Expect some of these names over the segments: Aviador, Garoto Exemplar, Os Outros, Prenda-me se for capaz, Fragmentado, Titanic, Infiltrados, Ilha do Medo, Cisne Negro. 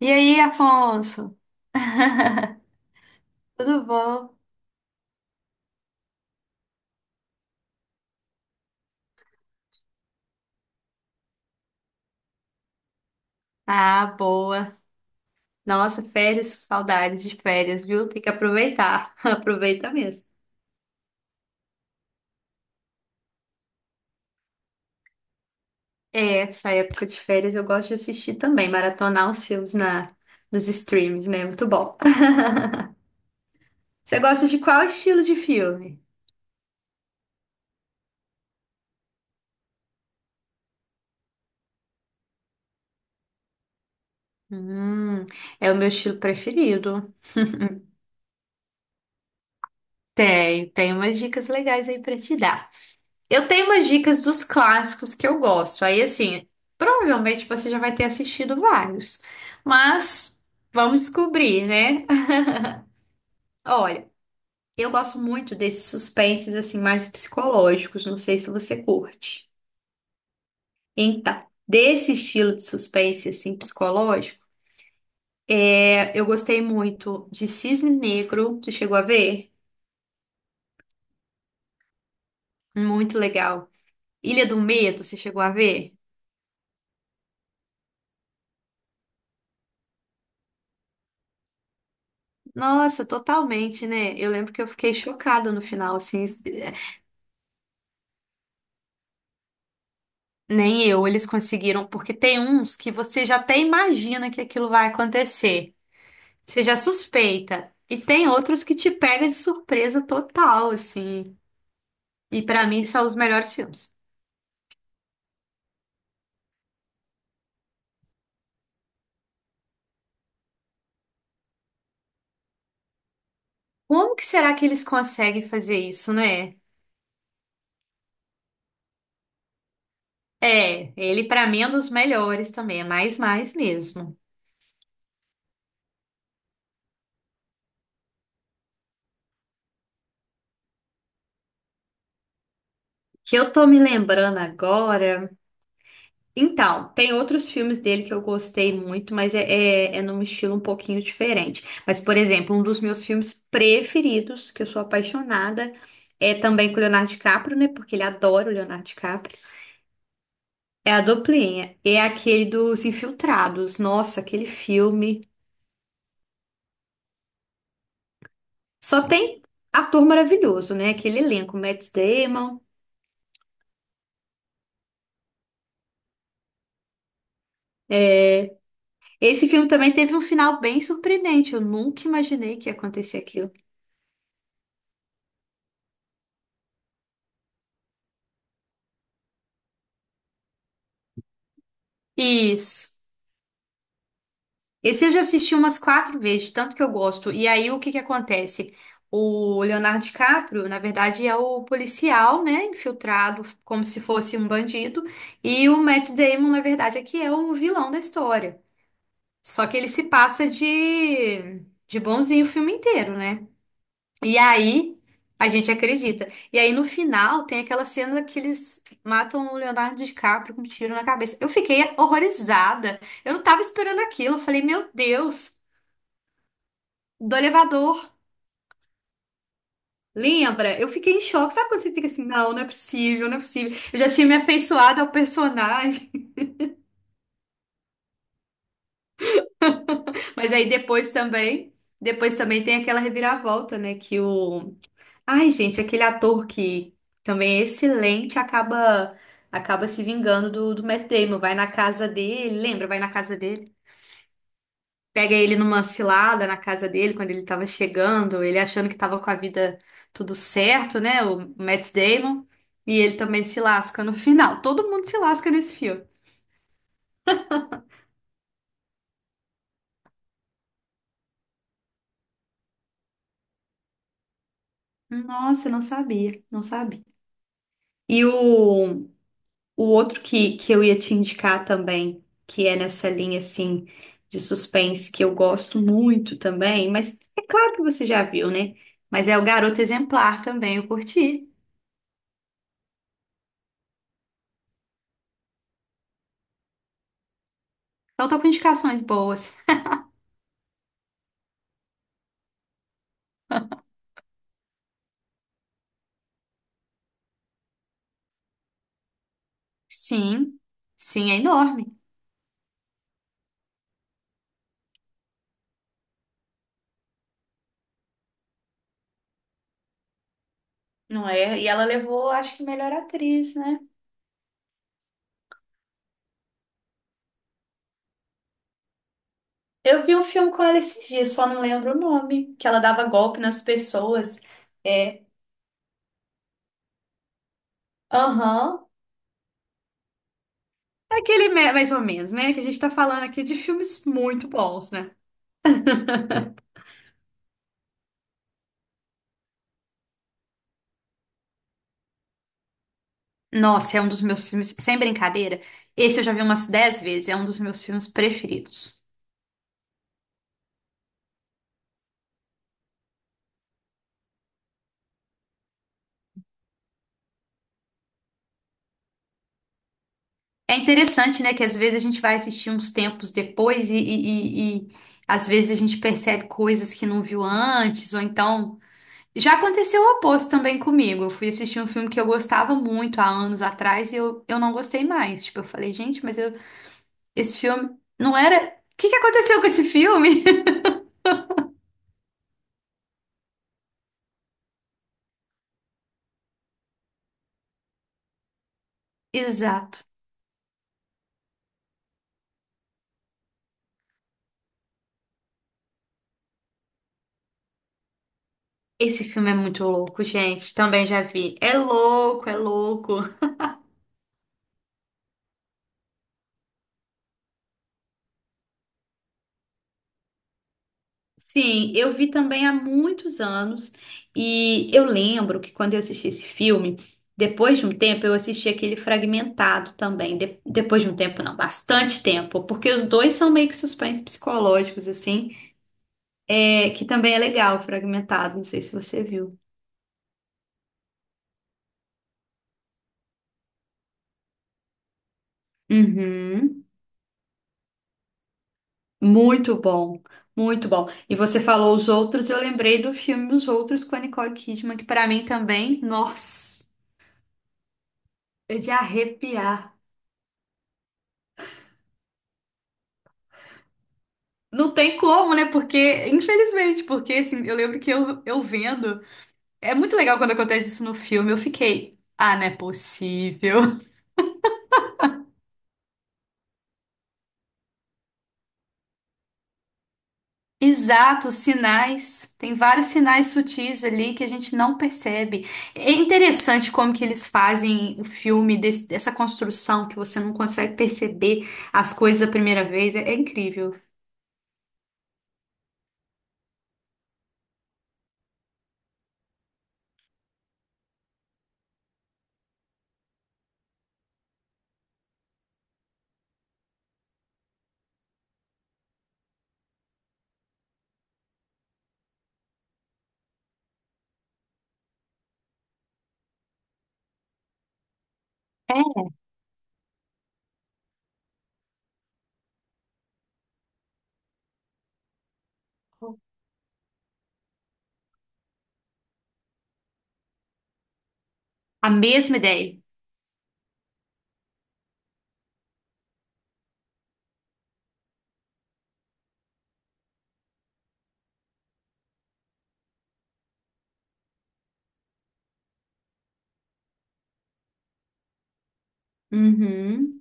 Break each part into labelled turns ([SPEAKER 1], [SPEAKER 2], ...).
[SPEAKER 1] E aí, Afonso? Tudo bom? Ah, boa. Nossa, férias, saudades de férias, viu? Tem que aproveitar. Aproveita mesmo. É, essa época de férias eu gosto de assistir também, maratonar os filmes nos streams, né? Muito bom. Você gosta de qual estilo de filme? Hum, É o meu estilo preferido. Tenho umas dicas legais aí pra te dar. Eu tenho umas dicas dos clássicos que eu gosto. Aí, assim, provavelmente você já vai ter assistido vários. Mas vamos descobrir, né? Olha, eu gosto muito desses suspenses, assim, mais psicológicos. Não sei se você curte. Então, desse estilo de suspense, assim, psicológico, é, eu gostei muito de Cisne Negro. Você chegou a ver? Muito legal. Ilha do Medo, você chegou a ver? Nossa, totalmente, né? Eu lembro que eu fiquei chocada no final, assim. Nem eu, eles conseguiram, porque tem uns que você já até imagina que aquilo vai acontecer. Você já suspeita. E tem outros que te pega de surpresa total, assim. E pra mim são os melhores filmes. Como que será que eles conseguem fazer isso, né? É, ele pra mim é um dos melhores também, é mais mais mesmo. Que eu tô me lembrando agora. Então, tem outros filmes dele que eu gostei muito, mas é num estilo um pouquinho diferente. Mas, por exemplo, um dos meus filmes preferidos, que eu sou apaixonada, é também com o Leonardo DiCaprio, né? Porque ele adora o Leonardo DiCaprio. É a Duplinha. É aquele dos Infiltrados. Nossa, aquele filme. Só tem ator maravilhoso, né? Aquele elenco, Matt Damon. Esse filme também teve um final bem surpreendente. Eu nunca imaginei que ia acontecer aquilo. Isso. Esse eu já assisti umas quatro vezes, de tanto que eu gosto. E aí, o que que acontece? O Leonardo DiCaprio, na verdade, é o policial, né? Infiltrado como se fosse um bandido. E o Matt Damon, na verdade, é que é o vilão da história. Só que ele se passa de bonzinho o filme inteiro, né? E aí, a gente acredita. E aí, no final, tem aquela cena que eles matam o Leonardo DiCaprio com um tiro na cabeça. Eu fiquei horrorizada. Eu não tava esperando aquilo. Eu falei, meu Deus. Do elevador. Lembra? Eu fiquei em choque. Sabe quando você fica assim, não, não é possível, não é possível. Eu já tinha me afeiçoado ao personagem. Mas aí depois também tem aquela reviravolta, né, que o ai, gente, aquele ator que também é excelente acaba se vingando do Matt Damon, vai na casa dele, lembra? Vai na casa dele. Pega ele numa cilada na casa dele quando ele tava chegando, ele achando que tava com a vida tudo certo, né? O Matt Damon. E ele também se lasca no final. Todo mundo se lasca nesse filme. Nossa, não sabia, não sabia. E o outro que eu ia te indicar também, que é nessa linha assim de suspense, que eu gosto muito também, mas é claro que você já viu, né? Mas é o Garoto Exemplar também, eu curti. Então, tô com indicações boas. Sim, sim, é enorme. Não é? E ela levou, acho que melhor atriz, né? Eu vi um filme com ela esses dias, só não lembro o nome, que ela dava golpe nas pessoas. É, aham. É aquele mais ou menos, né? Que a gente tá falando aqui de filmes muito bons, né? Nossa, é um dos meus filmes, sem brincadeira. Esse eu já vi umas 10 vezes, é um dos meus filmes preferidos. É interessante, né? Que às vezes a gente vai assistir uns tempos depois e às vezes a gente percebe coisas que não viu antes, ou então. Já aconteceu o oposto também comigo. Eu fui assistir um filme que eu gostava muito há anos atrás e eu não gostei mais. Tipo, eu falei, gente, esse filme não era. O que que aconteceu com esse filme? Exato. Esse filme é muito louco, gente. Também já vi. É louco, é louco. Sim, eu vi também há muitos anos e eu lembro que quando eu assisti esse filme, depois de um tempo eu assisti aquele fragmentado também, depois de um tempo não, bastante tempo, porque os dois são meio que suspense psicológicos assim, é, que também é legal, fragmentado, não sei se você viu. Uhum. Muito bom, muito bom. E você falou os outros, eu lembrei do filme Os Outros com a Nicole Kidman, que pra mim também, nossa, é de arrepiar. Não tem como, né? Porque, infelizmente, porque assim, eu lembro que eu vendo. É muito legal quando acontece isso no filme. Eu fiquei, ah, não é possível. Exato, sinais. Tem vários sinais sutis ali que a gente não percebe. É interessante como que eles fazem o filme dessa construção que você não consegue perceber as coisas a primeira vez. É, é incrível. É a mesma ideia. Uhum.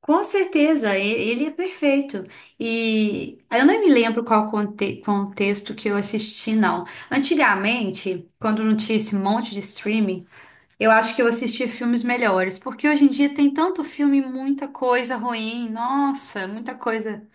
[SPEAKER 1] Com certeza, ele é perfeito. E eu não me lembro qual contexto que eu assisti, não. Antigamente, quando não tinha esse monte de streaming, eu acho que eu assistia filmes melhores, porque hoje em dia tem tanto filme, muita coisa ruim, nossa, muita coisa.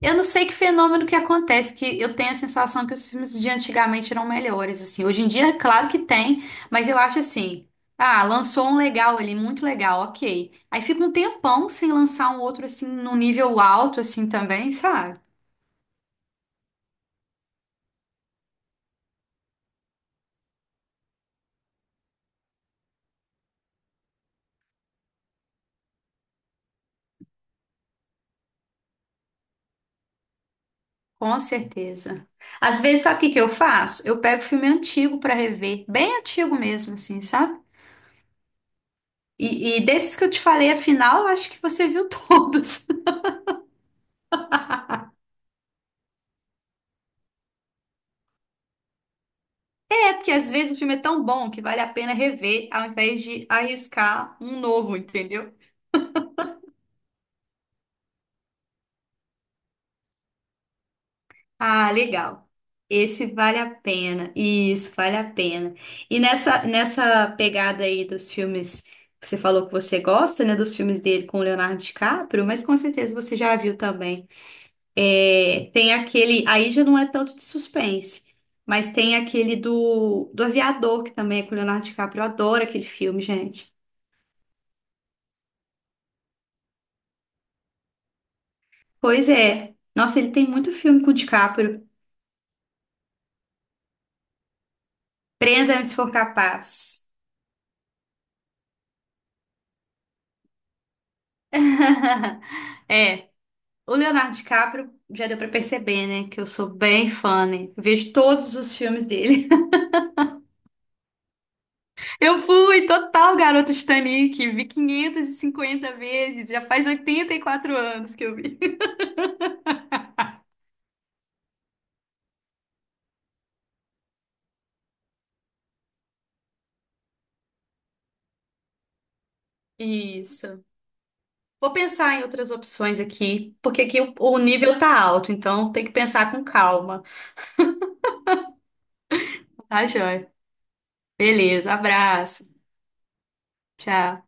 [SPEAKER 1] Eu não sei que fenômeno que acontece, que eu tenho a sensação que os filmes de antigamente eram melhores, assim. Hoje em dia, claro que tem, mas eu acho assim, ah, lançou um legal ali, muito legal, ok. Aí fica um tempão sem lançar um outro, assim, num nível alto, assim, também, sabe? Com certeza. Às vezes, sabe o que que eu faço? Eu pego filme antigo pra rever, bem antigo mesmo, assim, sabe? E desses que eu te falei, afinal, eu acho que você viu todos. Porque às vezes o filme é tão bom que vale a pena rever ao invés de arriscar um novo, entendeu? Ah, legal. Esse vale a pena. Isso, vale a pena. E nessa pegada aí dos filmes que você falou que você gosta, né? Dos filmes dele com o Leonardo DiCaprio, mas com certeza você já viu também. É, tem aquele. Aí já não é tanto de suspense, mas tem aquele do Aviador, que também é com o Leonardo DiCaprio. Eu adoro aquele filme, gente. Pois é. Nossa, ele tem muito filme com o DiCaprio. Prenda-me se for capaz. É, o Leonardo DiCaprio já deu pra perceber, né? Que eu sou bem fã, né? Vejo todos os filmes dele. Eu fui total garota Titanic, vi 550 vezes, já faz 84 anos que eu vi. Isso. Vou pensar em outras opções aqui, porque aqui o nível tá alto, então tem que pensar com calma. Tá, joia? Beleza, abraço. Tchau.